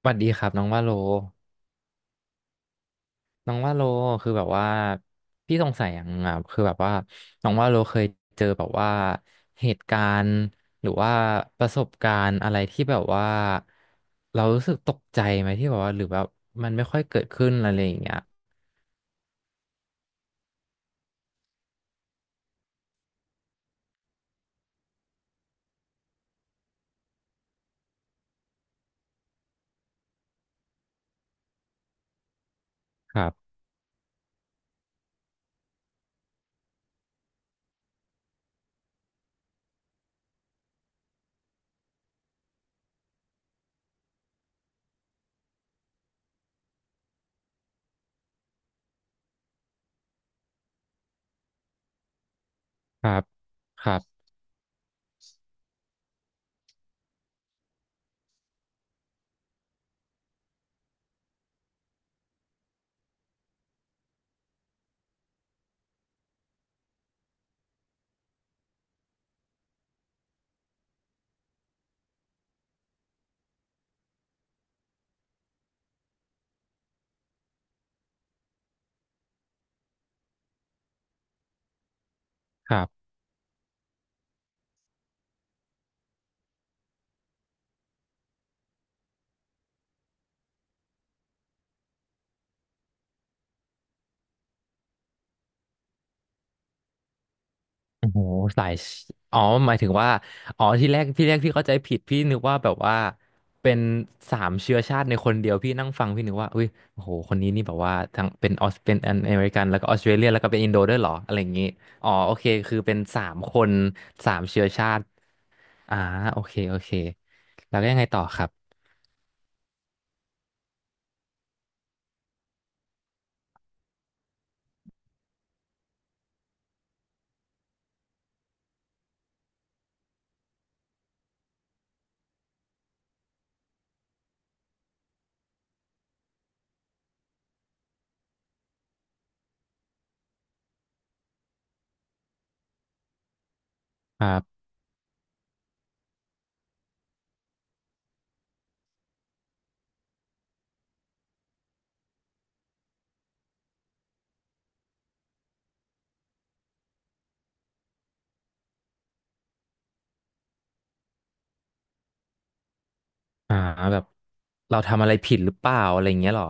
สวัสดีครับน้องว่าโลน้องว่าโลคือแบบว่าพี่สงสัยอย่างอ่ะคือแบบว่าน้องว่าโลเคยเจอแบบว่าเหตุการณ์หรือว่าประสบการณ์อะไรที่แบบว่าเรารู้สึกตกใจไหมที่แบบว่าหรือแบบมันไม่ค่อยเกิดขึ้นอะไรอย่างเงี้ยครับครับครับครับ โอ้โหสายชอ๋อ หมายถึงว่า อ๋อ ที่แรกที่แรกพี่เข้าใจผิดพี่นึกว่าแบบว่า เป็นสามเชื้อชาติในคนเดียวพี่นั่งฟังพี่นึกว่าอุ้ยโอ้โหคนนี้นี่แบบว่าทั้งเป็นออสเป็นอเมริกันแล้วก็ออสเตรเลียแล้วก็เป็นอินโดด้วยเหรออะไรอย่างงี้อ๋อ โอเค คือเป็นสามคนสามเชื้อชาติอ่าโอเคโอเค แล้วก็ยังไงต่อครับครับอ่าแบบเราทำอะไรผิดหรือเปล่าอะไรอย่างเงี้ยเหรอ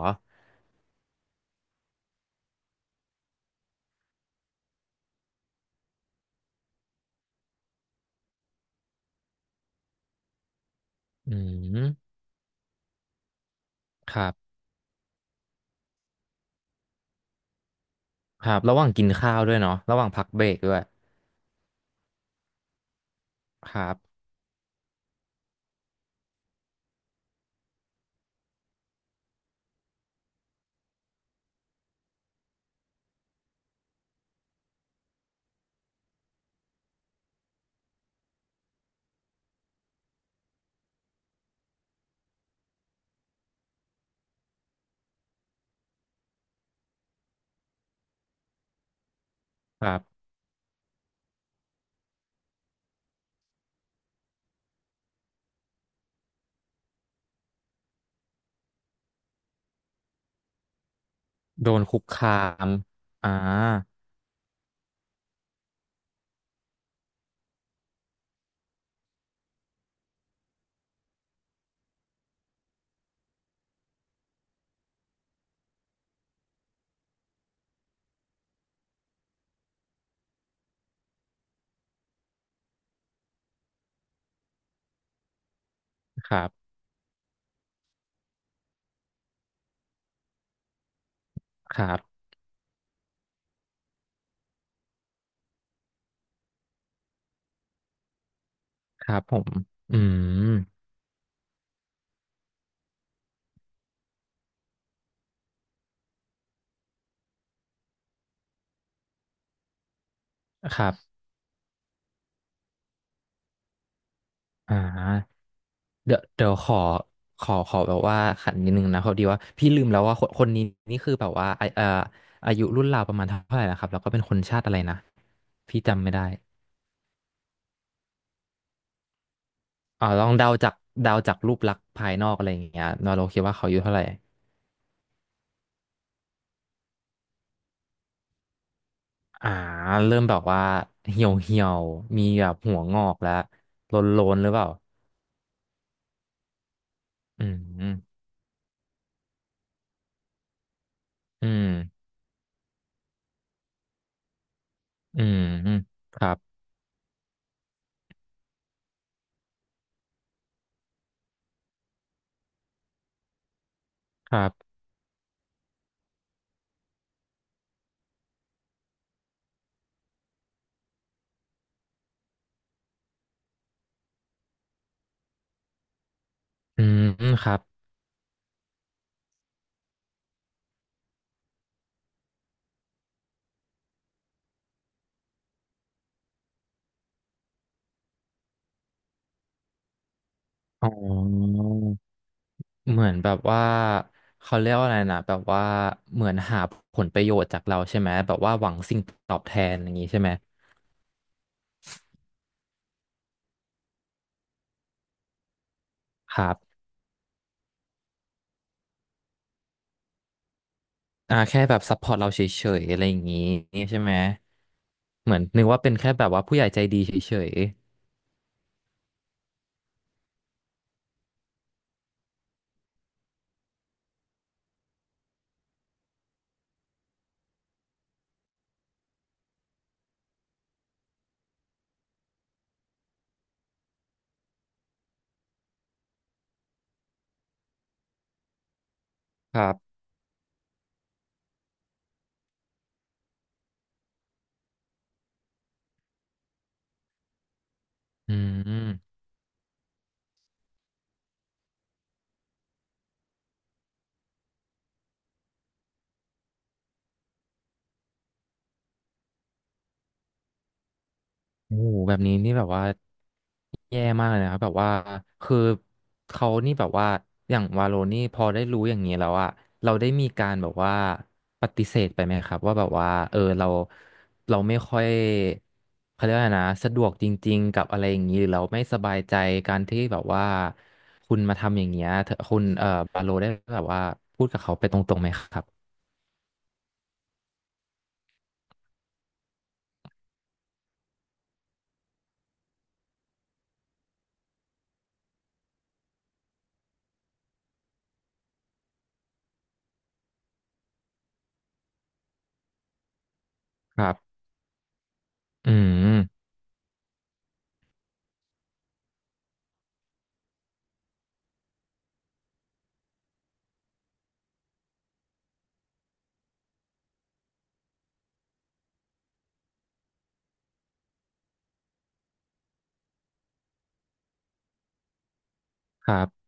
อืมครับครับระหว่างกินข้าวด้วยเนาะระหว่างพักเบรกด้วยครับครับ โดนคุกคามอ่าครับครับครับผมอืมครับอ่าเดี๋ยวเดี๋ยวขอขอแบบว่าขันนิดนึงนะพอดีว่าพี่ลืมแล้วว่าคนคนนี้นี่คือแบบว่าไอาอายุรุ่นราวประมาณเท่าไหร่นะครับแล้วก็เป็นคนชาติอะไรนะพี่จำไม่ได้อ่าลองเดาจากเดาจากรูปลักษณ์ภายนอกอะไรอย่างเงี้ยนอโรคิดว่าเขาอายุเท่าไหร่อ่าเริ่มแบบว่าเหี่ยวเหี่ยวมีแบบหัวงอกแล้วโลนๆหรือเปล่าอืมอืม อืมครับครับอืมครับอ๋อเหมือนแบบว่าเขาเรียกว่าอะไรนะแบบว่าเหมือนหาผลประโยชน์จากเราใช่ไหมแบบว่าหวังสิ่งตอบแทนอย่างนี้ใช่ไหมครับอ่าแค่แบบซัพพอร์ตเราเฉยๆอะไรอย่างนี้ใช่ไหมเหมือนนึกว่าเป็นแค่แบบว่าผู้ใหญ่ใจดีเฉยๆครับอืม โอ้โหแบบนี้นี่แบบว่าแย่มากเลยนะครับแบบว่าคือเขานี่แบบว่าอย่างวาโลนี่พอได้รู้อย่างนี้แล้วอะเราได้มีการแบบว่าปฏิเสธไปไหมครับว่าแบบว่าเออเราเราไม่ค่อยเขาเรียกว่าไงนะสะดวกจริงๆกับอะไรอย่างนี้หรือเราไม่สบายใจการที่แบบว่าคุณมาทำอย่างเงี้ยเธอคุณบาโลได้แบบว่าพูดกับเขาไปตรงๆไหมครับครับอืมครับ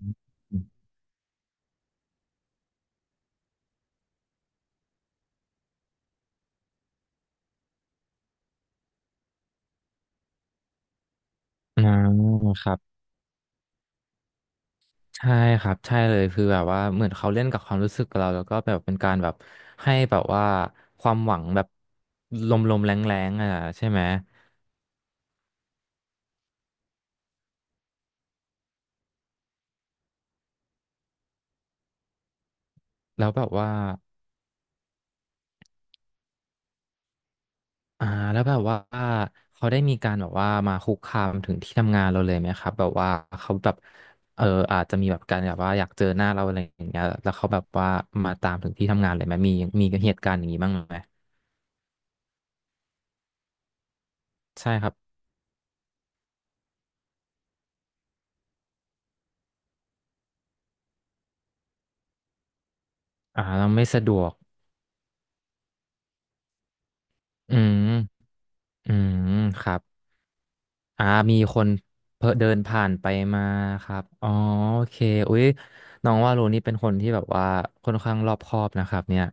อืมครับ ใช่ครับใช่เลยคือแบบว่าเหมือนเขาเล่นกับความรู้สึกเราแล้วก็แบบเป็นการแบบให้แบบว่าความหวังแบบลมๆแรงๆอ่ะใช่ไหมแล้วแบบว่าอ่าแล้วแบบว่าเขาได้มีการแบบว่ามาคุกคามถึงที่ทำงานเราเลยไหมครับแบบว่าเขาแบบเอออาจจะมีแบบการแบบว่าอยากเจอหน้าเราอะไรอย่างเงี้ยแล้วเขาแบบว่ามาตามถึงที่ทำงานเลยไหมมีมีเหตุการณ์อย่างนี้บ้างไหมใช่ครับอ่าเราไม่สะดวกอืมอืมครับ อ่ามีคนเพอเดินผ่านไปมาครับอ๋อโอเคอุ๊ยน้องว่าโรนี่เป็นคนที่แบบว่าค่อนข้างรอบคอบนะครับเนี่ย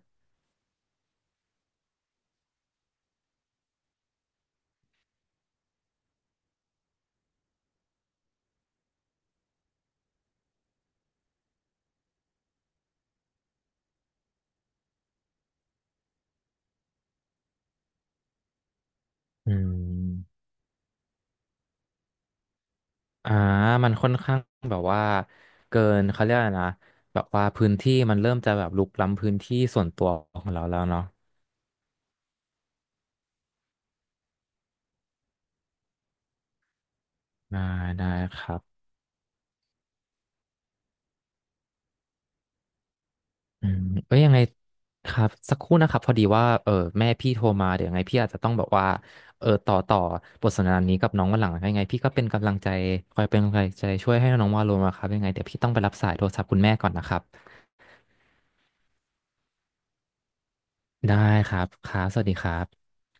อืมอ่ามันค่อนข้างแบบว่าเกินเขาเรียกอะไรนะแบบว่าพื้นที่มันเริ่มจะแบบรุกล้ำพื้นที่ส่วนตัวของเราแล้วเนาะได้ได้ครับ อืมเอ้ยยังไงครับสักครู่นะครับพอดีว่าเออแม่พี่โทรมาเดี๋ยวยังไงพี่อาจจะต้องแบบว่าเออต่อบทสนทนานี้กับน้องวันหลังยังไงพี่ก็เป็นกำลังใจคอยเป็นกำลังใจช่วยให้น้องวาโลมาครับยังไงเดี๋ยวพี่ต้องไปรับสายโทรศัพท์คุณแม่ก่อนนะครับได้ครับครับสวัสดีครับ